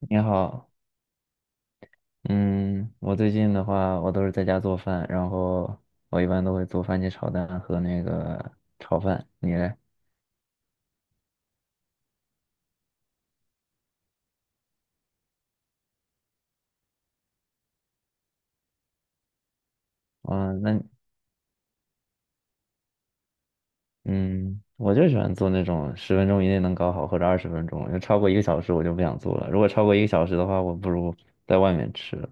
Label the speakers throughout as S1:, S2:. S1: 你好，嗯，我最近的话，我都是在家做饭，然后我一般都会做番茄炒蛋和那个炒饭。你嘞？啊，那嗯，我就喜欢做那种十分钟以内能搞好，或者20分钟，就超过一个小时我就不想做了。如果超过一个小时的话，我不如在外面吃了。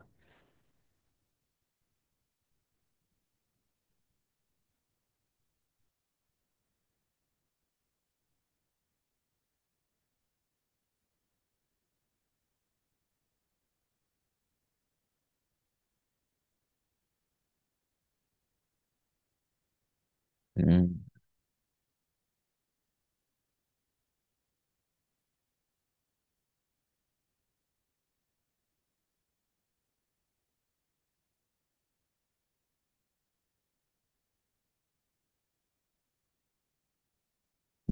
S1: 嗯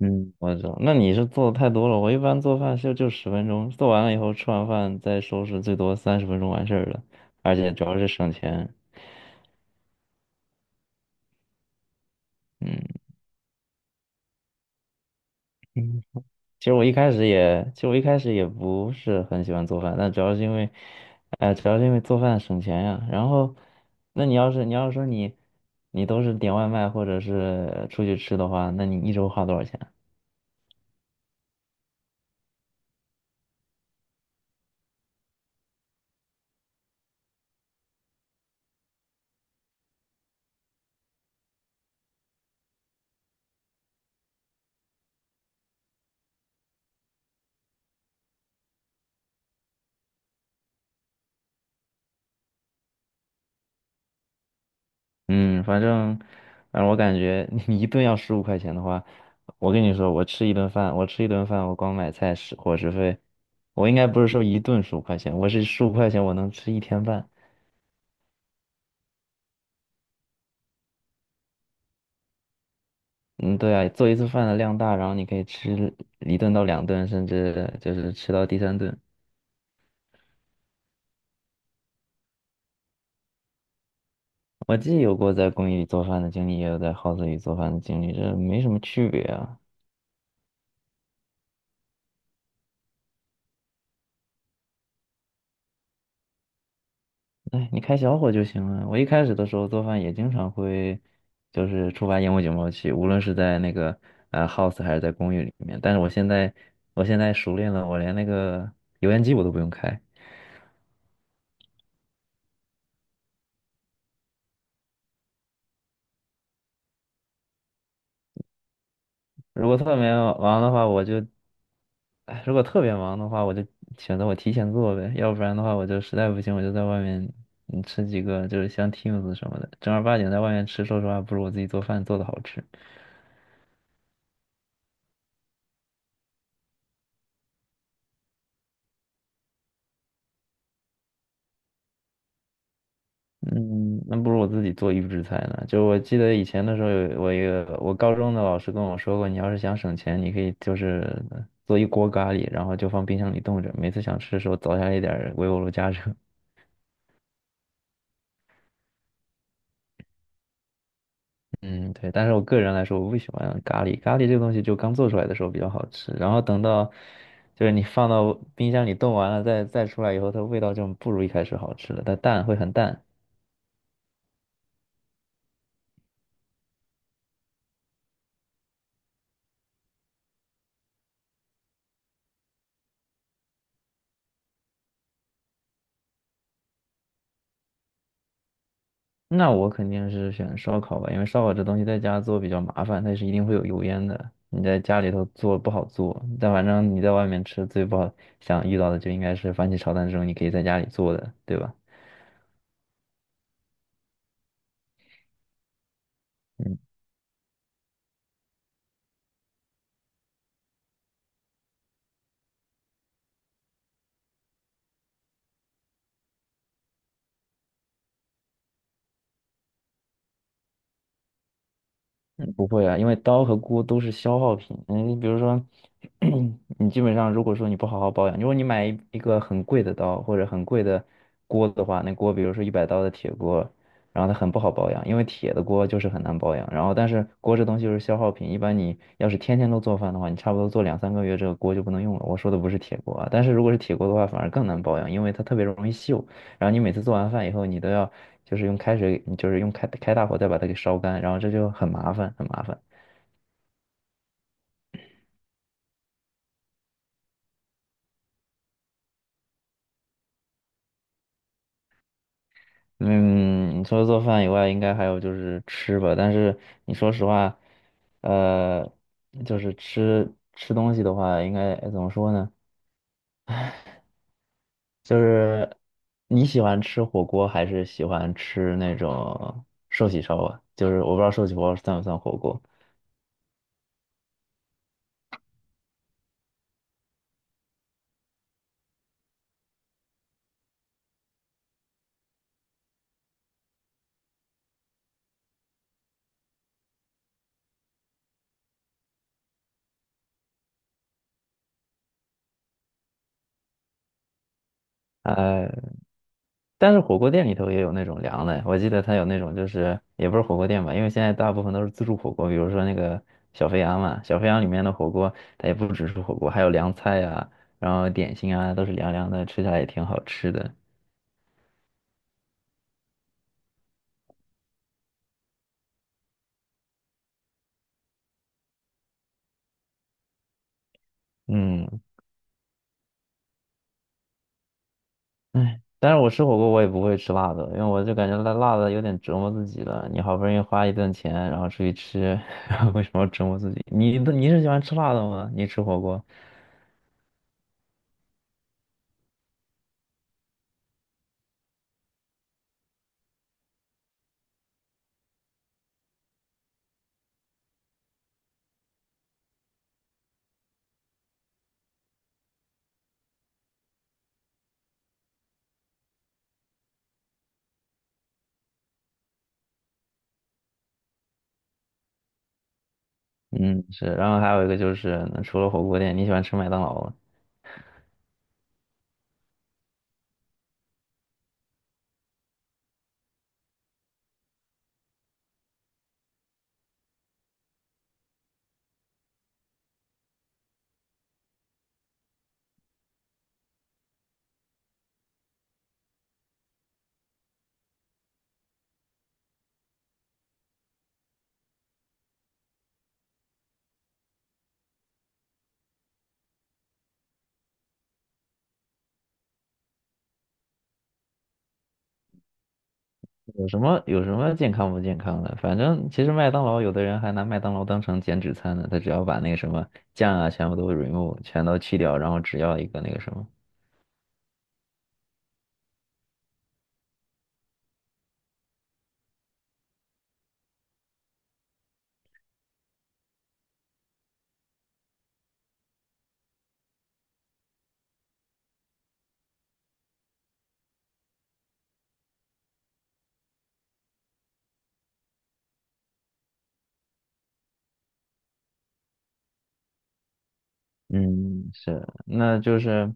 S1: 嗯，我知道。那你是做的太多了，我一般做饭就十分钟，做完了以后吃完饭再收拾，最多30分钟完事儿了，而且主要是省钱。嗯。其实我一开始也不是很喜欢做饭，但主要是因为，主要是因为做饭省钱呀。然后，那你要是说你，你都是点外卖或者是出去吃的话，那你一周花多少钱啊？嗯，反正，反正，我感觉 你一顿要15块钱的话，我跟你说，我吃一顿饭，我光买菜食伙食费，我应该不是说一顿十五块钱，我是十五块钱我能吃一天饭。嗯，对啊，做一次饭的量大，然后你可以吃一顿到两顿，甚至就是吃到第三顿。我既有过在公寓里做饭的经历，也有在 house 里做饭的经历，这没什么区别啊。哎，你开小火就行了。我一开始的时候做饭也经常会，就是触发烟雾警报器，无论是在那个house 还是在公寓里面。但是我现在熟练了，我连那个油烟机我都不用开。如果特别忙的话，我就，哎，如果特别忙的话，我就选择我提前做呗，要不然的话，我就实在不行，我就在外面吃几个，就是像 Teams 什么的，正儿八经在外面吃，说实话，不如我自己做饭做的好吃。嗯，那不如我自己做预制菜呢。就我记得以前的时候有，我一个我高中的老师跟我说过，你要是想省钱，你可以就是做一锅咖喱，然后就放冰箱里冻着，每次想吃的时候凿下来一点儿微波炉加热。嗯，对，但是我个人来说，我不喜欢咖喱。咖喱这个东西，就刚做出来的时候比较好吃，然后等到就是你放到冰箱里冻完了，再出来以后，它味道就不如一开始好吃了，它淡会很淡。那我肯定是选烧烤吧，因为烧烤这东西在家做比较麻烦，它是一定会有油烟的。你在家里头做不好做，但反正你在外面吃最不好想遇到的就应该是番茄炒蛋这种，你可以在家里做的，对吧？嗯。嗯不会啊，因为刀和锅都是消耗品。嗯，你比如说，你基本上如果说你不好好保养，如果你买一个很贵的刀或者很贵的锅的话，那锅比如说100刀的铁锅，然后它很不好保养，因为铁的锅就是很难保养。然后但是锅这东西就是消耗品，一般你要是天天都做饭的话，你差不多做两三个月这个锅就不能用了。我说的不是铁锅啊，但是如果是铁锅的话，反而更难保养，因为它特别容易锈。然后你每次做完饭以后，你都要就是用开水，你就是用开大火再把它给烧干，然后这就很麻烦，很麻烦。嗯，你除了做饭以外，应该还有就是吃吧。但是你说实话，呃，就是吃吃东西的话，应该怎么说呢？就是你喜欢吃火锅还是喜欢吃那种寿喜烧啊？就是我不知道寿喜烧算不算火锅。哎，但是火锅店里头也有那种凉的，我记得它有那种就是也不是火锅店吧，因为现在大部分都是自助火锅，比如说那个小肥羊嘛，小肥羊里面的火锅它也不只是火锅，还有凉菜啊，然后点心啊都是凉凉的，吃起来也挺好吃的。嗯，哎，但是我吃火锅我也不会吃辣的，因为我就感觉辣辣的有点折磨自己了。你好不容易花一顿钱，然后出去吃，然后为什么要折磨自己？你是喜欢吃辣的吗？你吃火锅？嗯，是。然后还有一个就是，除了火锅店，你喜欢吃麦当劳吗？有什么健康不健康的？反正其实麦当劳有的人还拿麦当劳当成减脂餐呢，他只要把那个什么酱啊全部都 remove，全都去掉，然后只要一个那个什么。嗯，是，那就是，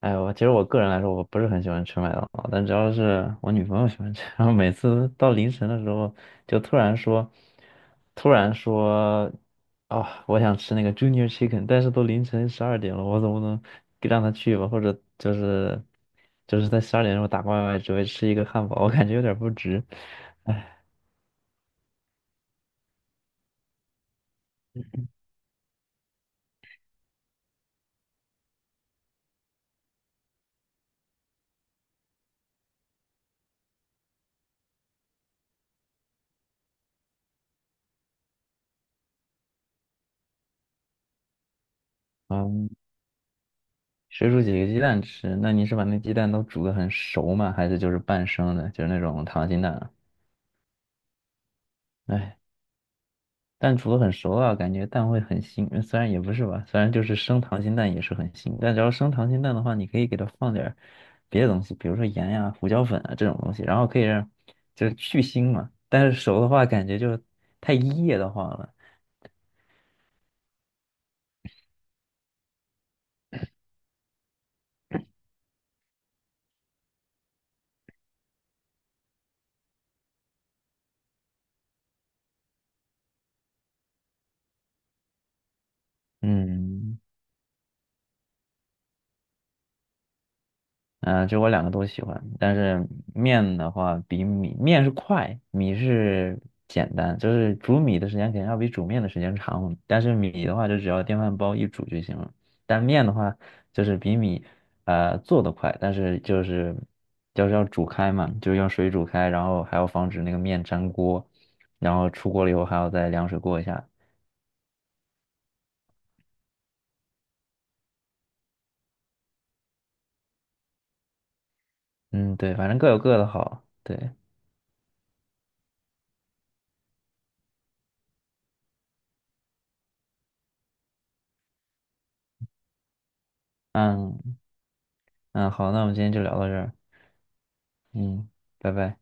S1: 哎，我其实我个人来说，我不是很喜欢吃麦当劳，但只要是我女朋友喜欢吃，然后每次到凌晨的时候，就突然说，啊、我想吃那个 Junior Chicken，但是都凌晨十二点了，我总不能给让她去吧？或者就是，就是在12点钟时候打外卖，只为吃一个汉堡，我感觉有点不值。嗯，水煮几个鸡蛋吃，那你是把那鸡蛋都煮得很熟吗？还是就是半生的，就是那种溏心蛋啊？哎，蛋煮了很熟啊，感觉蛋会很腥，虽然也不是吧，虽然就是生溏心蛋也是很腥，但只要生溏心蛋的话，你可以给它放点儿别的东西，比如说盐呀、胡椒粉啊这种东西，然后可以让就是去腥嘛。但是熟的话，感觉就太噎得慌了。嗯。嗯、就我两个都喜欢，但是面的话比米面是快，米是简单，就是煮米的时间肯定要比煮面的时间长，但是米的话就只要电饭煲一煮就行了。但面的话就是比米做的快，但是就是就是要煮开嘛，就是用水煮开，然后还要防止那个面粘锅，然后出锅了以后还要再凉水过一下。嗯，对，反正各有各的好。对，嗯嗯，好，那我们今天就聊到这儿。嗯，拜拜。